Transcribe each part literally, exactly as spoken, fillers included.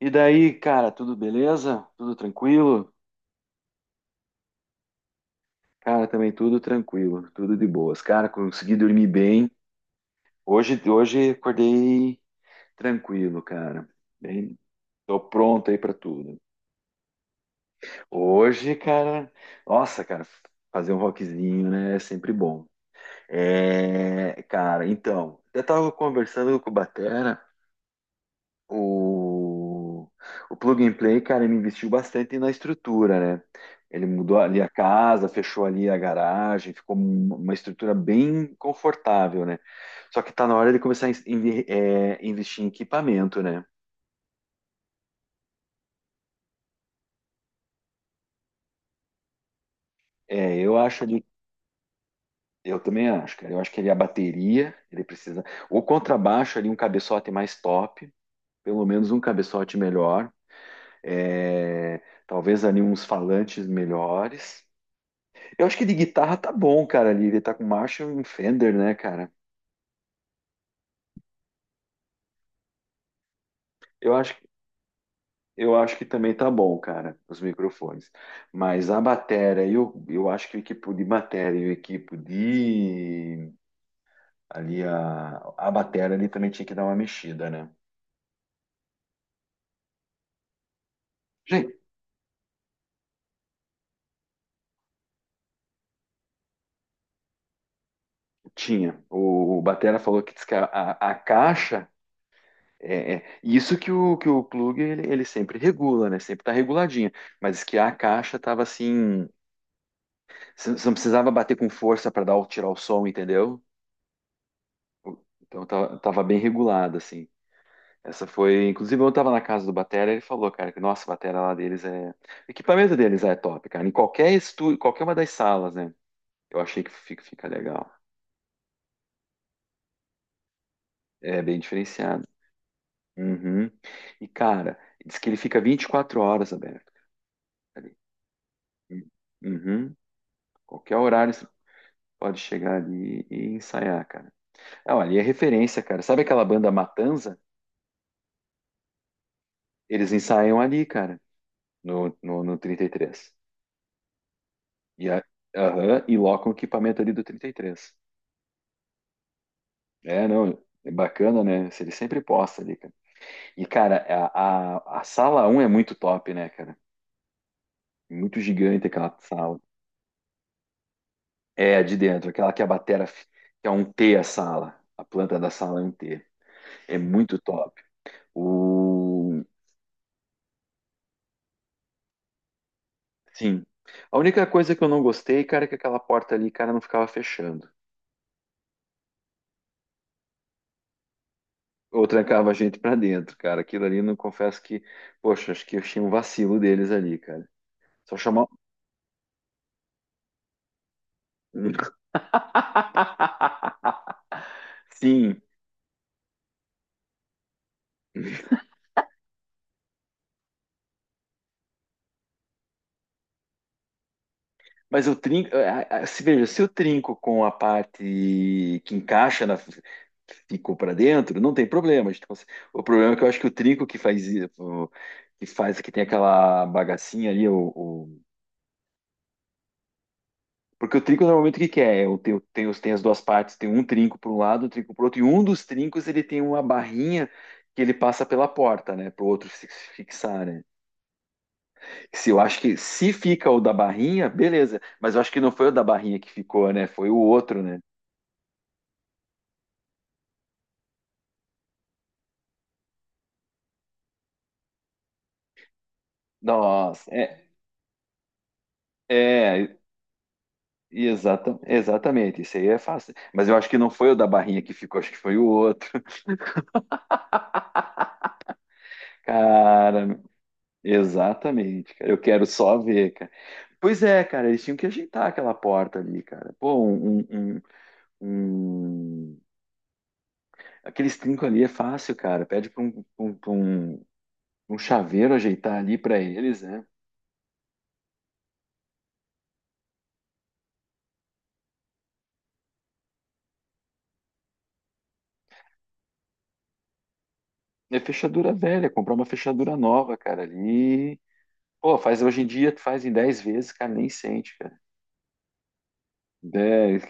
E daí, cara, tudo beleza? Tudo tranquilo? Cara, também tudo tranquilo, tudo de boas. Cara, consegui dormir bem. Hoje, hoje acordei tranquilo, cara. Bem, tô pronto aí pra tudo. Hoje, cara, nossa, cara, fazer um rockzinho, né, é sempre bom. É, cara, então, eu tava conversando com o Batera. O, o Plug and Play, cara, ele investiu bastante na estrutura, né? Ele mudou ali a casa, fechou ali a garagem, ficou um- uma estrutura bem confortável, né? Só que tá na hora de começar a in- in- é, investir em equipamento, né? É, eu acho ali, eu também acho, cara. Eu acho que ali a bateria, ele precisa. O contrabaixo ali, um cabeçote mais top, pelo menos um cabeçote melhor. É, talvez ali uns falantes melhores. Eu acho que de guitarra tá bom, cara, ali. Ele tá com Marshall e Fender, né, cara? Eu acho, eu acho que também tá bom, cara, os microfones. Mas a bateria, eu, eu acho que o equipo de bateria e o equipo de... Ali, a, a bateria ali também tinha que dar uma mexida, né? Gente, tinha. O, o batera falou que diz que a, a- a caixa... É, é- isso que o, que o plug ele, ele sempre regula, né? Sempre tá reguladinha. Mas diz que a caixa tava assim... Você você não precisava bater com força para dar o- tirar o som, entendeu? Então tava, tava bem regulado, assim. Essa foi. Inclusive, eu tava na casa do Batera, ele falou, cara, que nossa, a batera lá deles é. O equipamento deles é top, cara. Em qualquer estúdio, qualquer uma das salas, né? Eu achei que fica, fica legal. É bem diferenciado. Uhum. E, cara, diz que ele fica vinte e quatro horas aberto ali. Hum. Uhum. Qualquer horário você pode chegar ali e ensaiar, cara. Ah, ali é referência, cara. Sabe aquela banda Matanza? Eles ensaiam ali, cara. no, no, no trinta e três. E, três. E, a, aham, e loca o equipamento ali do trinta e três. É, não, é bacana, né? Se ele sempre posta ali, cara. E, cara, a, a, a sala um é muito top, né, cara? Muito gigante aquela sala. É, a de dentro, aquela que a batera, f- que é um T a sala. A planta da sala é um T. É muito top. O... Sim. A única coisa que eu não gostei, cara, é que aquela porta ali, cara, não ficava fechando. Ou trancava a gente pra dentro, cara. Aquilo ali, não confesso que, poxa, acho que eu tinha um vacilo deles ali, cara. Só chamar. Sim, mas eu trinco. ah, ah, Se veja, se eu trinco com a parte que encaixa na, que ficou pra dentro, não tem problema. A gente consegue- O problema é que eu acho que o trinco que faz i- o- que faz que tem aquela bagacinha ali, o, porque o trinco normalmente o que que é? Eu tenho, tenho, tem as duas partes, tem um trinco para um lado, um trinco para o outro, e um dos trincos ele tem uma barrinha que ele passa pela porta, né? Para o outro se fixar, né? Se eu acho que se fica o da barrinha, beleza, mas eu acho que não foi o da barrinha que ficou, né? Foi o outro, né? Nossa, é, é, exata, exatamente, isso aí é fácil. Mas eu acho que não foi o da barrinha que ficou, acho que foi o outro. Cara, exatamente, cara, eu quero só ver, cara. Pois é, cara, eles tinham que ajeitar aquela porta ali, cara. Pô, um, um, um, um... aqueles trinco ali é fácil, cara. Pede pra um, um, pra um, um chaveiro ajeitar ali pra eles, né? É fechadura velha, comprar uma fechadura nova, cara, ali. Pô, faz hoje em dia, tu faz em dez vezes, cara, nem sente, cara. Dez.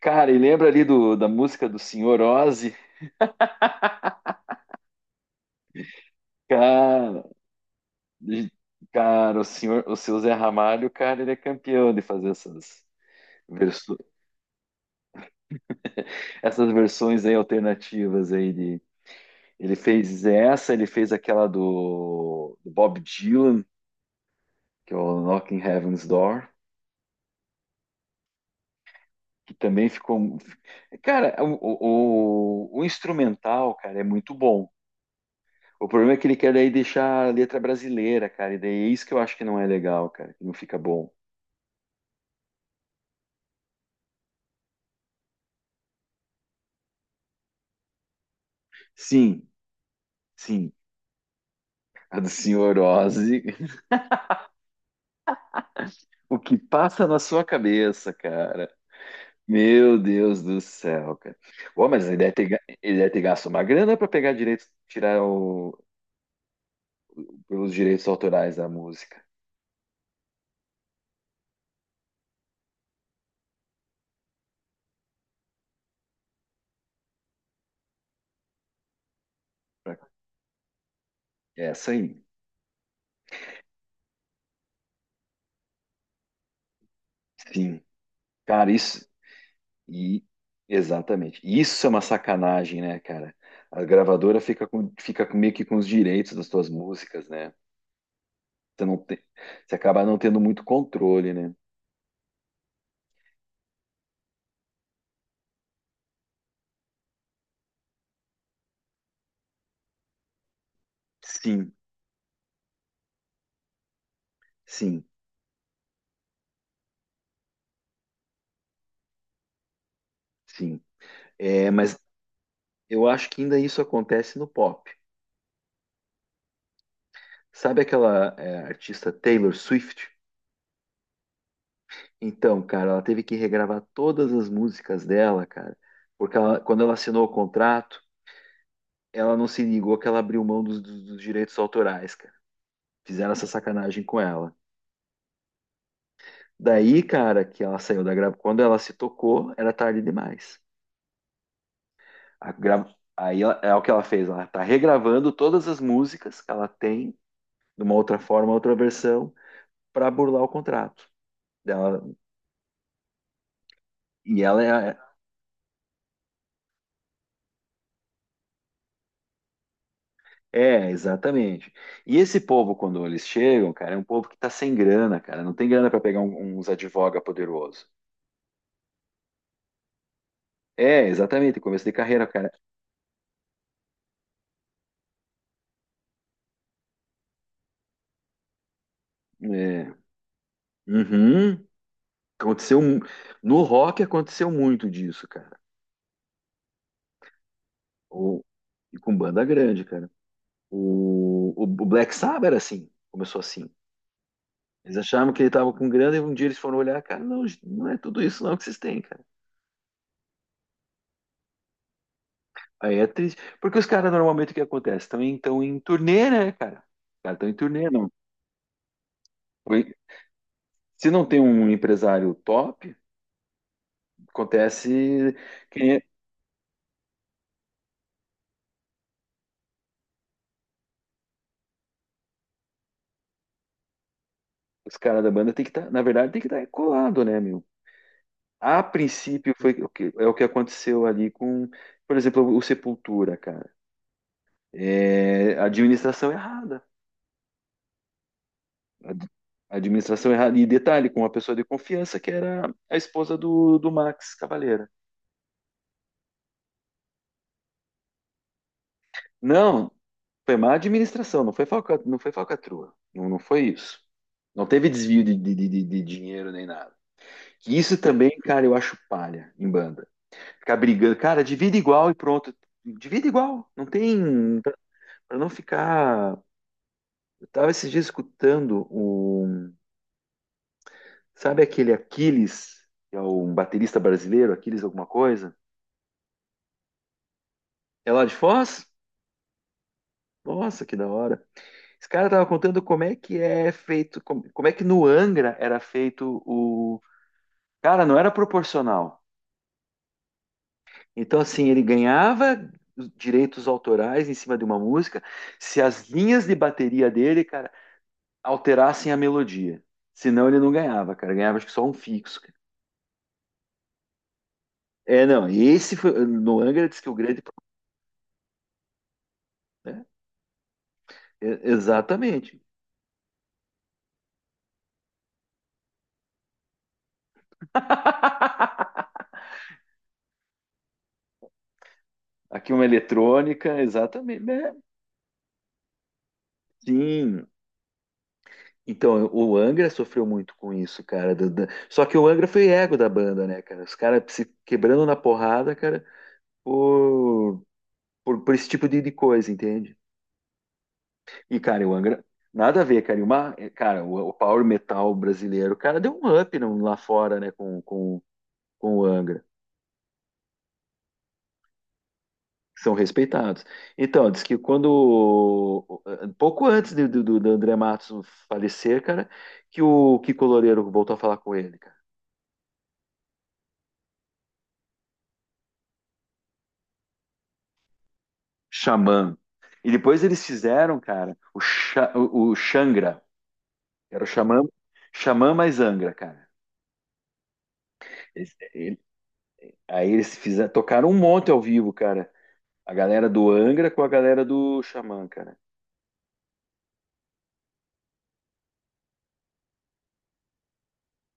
Cara, e lembra ali do, da música do Senhor Ozzy? Cara, de- cara, o senhor, o seu Zé Ramalho, cara, ele é campeão de fazer essas versões. Essas versões aí alternativas aí de ele fez essa, ele fez aquela do, do Bob Dylan, que é o Knocking Heaven's Door, que também ficou. Cara, o, o, o instrumental, cara, é muito bom. O problema é que ele quer daí deixar a letra brasileira, cara, e daí é isso que eu acho que não é legal, cara, que não fica bom. Sim, sim, a do Senhor Ozzy. O que passa na sua cabeça, cara? Meu Deus do céu, cara. Bom, mas ele deve ter, ga- ele deve ter gasto uma grana para pegar direitos, tirar o, pelos direitos autorais da música. Pra- Essa aí. Sim. Cara, isso. E, exatamente. Isso é uma sacanagem, né, cara? A gravadora fica, com, fica com- meio que com os direitos das tuas músicas, né? Você não tem, você acaba não tendo muito controle, né? Sim, sim, sim. É, mas eu acho que ainda isso acontece no pop. Sabe aquela é, artista Taylor Swift? Então, cara, ela teve que regravar todas as músicas dela, cara, porque ela- quando ela assinou o contrato, ela não se ligou que ela abriu mão dos, dos- dos direitos autorais, cara. Fizeram essa sacanagem com ela. Daí, cara, que ela saiu da gravação, quando ela se tocou, era tarde demais. A gra- Aí ela- é o que ela fez, ela tá regravando todas as músicas que ela tem, de uma outra forma, outra versão, para burlar o contrato dela. E ela é. É, exatamente. E esse povo, quando eles chegam, cara, é um povo que tá sem grana, cara. Não tem grana para pegar um- uns advoga poderoso. É, exatamente. Começo de carreira, cara. É. Uhum. Aconteceu um- no rock aconteceu muito disso, cara. O- E com banda grande, cara. O, o o Black Sabbath era assim, começou assim. Eles achavam que ele tava com grana e um dia eles foram olhar, cara, não, não é tudo isso não que vocês têm, cara. Aí é triste. Porque os caras normalmente o que acontece? Também estão em turnê, né, cara? Os caras estão em turnê, não. Se não tem um empresário top, acontece que os caras da banda tem que estar, na verdade, tem que estar colado, né, meu? A princípio foi o que, é o que aconteceu ali com, por exemplo, o Sepultura, cara. É, administração errada. Ad- Administração errada. E detalhe, com uma pessoa de confiança, que era a esposa do, do Max Cavaleira. Não, foi má administração, não foi falca, não foi falcatrua. Não, não foi isso. Não teve desvio de, de, de, de de dinheiro nem nada. Que isso também, cara, eu acho palha em banda. Ficar brigando, cara, divide igual e pronto. Divide igual, não tem. Pra não ficar. Eu tava esses dias escutando o. Sabe aquele Aquiles, que é um baterista brasileiro, Aquiles alguma coisa? É lá de Foz? Nossa, que da hora. Esse cara tava contando como é que é feito, como, como é que no Angra era feito o. Cara, não era proporcional. Então, assim, ele ganhava direitos autorais em cima de uma música se as linhas de bateria dele, cara, alterassem a melodia. Senão ele não ganhava, cara. Ganhava acho que só um fixo, cara. É, não, esse foi. No Angra diz que o grande problema, né? E- Exatamente. Aqui uma eletrônica, exatamente, né? Sim. Então, o Angra sofreu muito com isso, cara. da- da- Só que o Angra foi ego da banda, né, cara? Os caras se quebrando na porrada, cara. por, por, por esse tipo de, de coisa, entende? E, cara, o Angra, nada a ver, cara. E uma, é, cara, o, o Power Metal brasileiro, cara, deu um up no- lá fora, né, com, com, com o Angra. São respeitados. Então, diz que quando, eh, pouco antes do, do, do André Matos falecer, cara, que o Kiko Loureiro voltou a falar com ele, cara. Xamã. E depois eles fizeram, cara, o, Xa- o, o Xangra. Era o Xamã, Xamã mais Angra, cara. Eles, aí eles fizeram, tocaram um monte ao vivo, cara. A galera do Angra com a galera do Xamã, cara.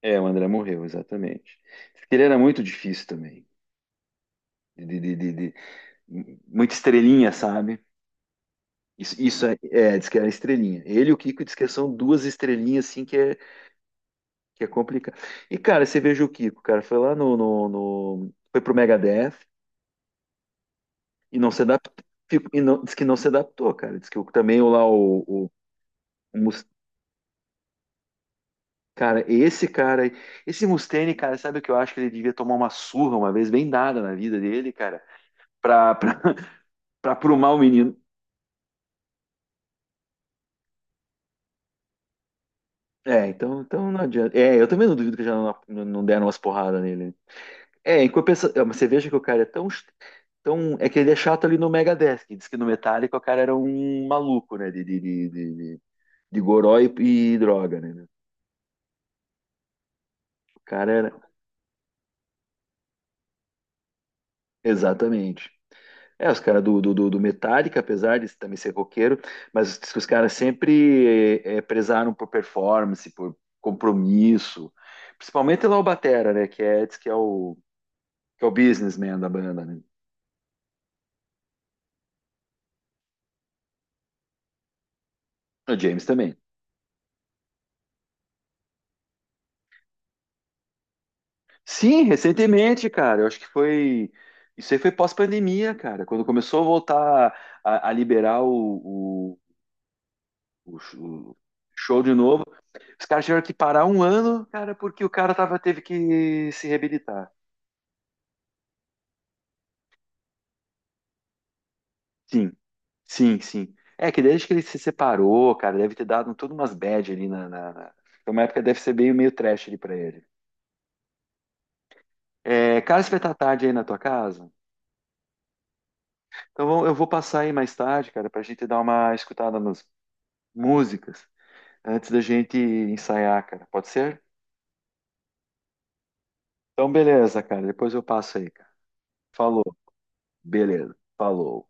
É, o André morreu, exatamente. Porque ele era muito difícil também. De, de- de- de- de- muita estrelinha, sabe? Isso, isso é, é, diz que era estrelinha. Ele e o Kiko diz que são duas estrelinhas, assim, que é, que é complicado. E, cara, você veja o Kiko, cara, foi lá no, no, no- foi pro Megadeth e não se adaptou. E não, diz que não se adaptou, cara. Diz que o- também o lá, o, o, o Mus- cara, esse cara, esse Mustaine, cara, sabe o que eu acho que ele devia tomar uma surra uma vez bem dada na vida dele, cara, pra, pra, pra aprumar o menino. É, então, então não adianta. É, eu também não duvido que já não, não deram umas porradas nele, né? É, em compensação, é, mas você veja que o cara é tão, ch- tão. É que ele é chato ali no Megadeth, que diz que no Metallica o cara era um maluco, né, de, de, de, de, de- de goró e, e droga, né? O cara era. Exatamente. É, os caras do, do, do do Metallica, apesar de também ser roqueiro, mas os, os caras sempre eh, eh, prezaram por performance, por compromisso. Principalmente lá o Batera, né? Que é, diz que é o, que é o businessman da banda, né? O James também. Sim, recentemente, cara, eu acho que foi. Isso aí foi pós-pandemia, cara, quando começou a voltar a, a liberar o, o, o sh- o show de novo. Os caras tiveram que parar um ano, cara, porque o cara tava, teve que se reabilitar. Sim. Sim, sim. É que desde que ele se separou, cara, deve ter dado todas umas bad ali na, na, na... Foi uma época que deve ser meio, meio trash ali pra ele. É, cara, você vai estar tarde aí na tua casa? Então vamos- eu vou passar aí mais tarde, cara, pra gente dar uma escutada nas músicas antes da gente ensaiar, cara. Pode ser? Então beleza, cara. Depois eu passo aí, cara. Falou. Beleza. Falou.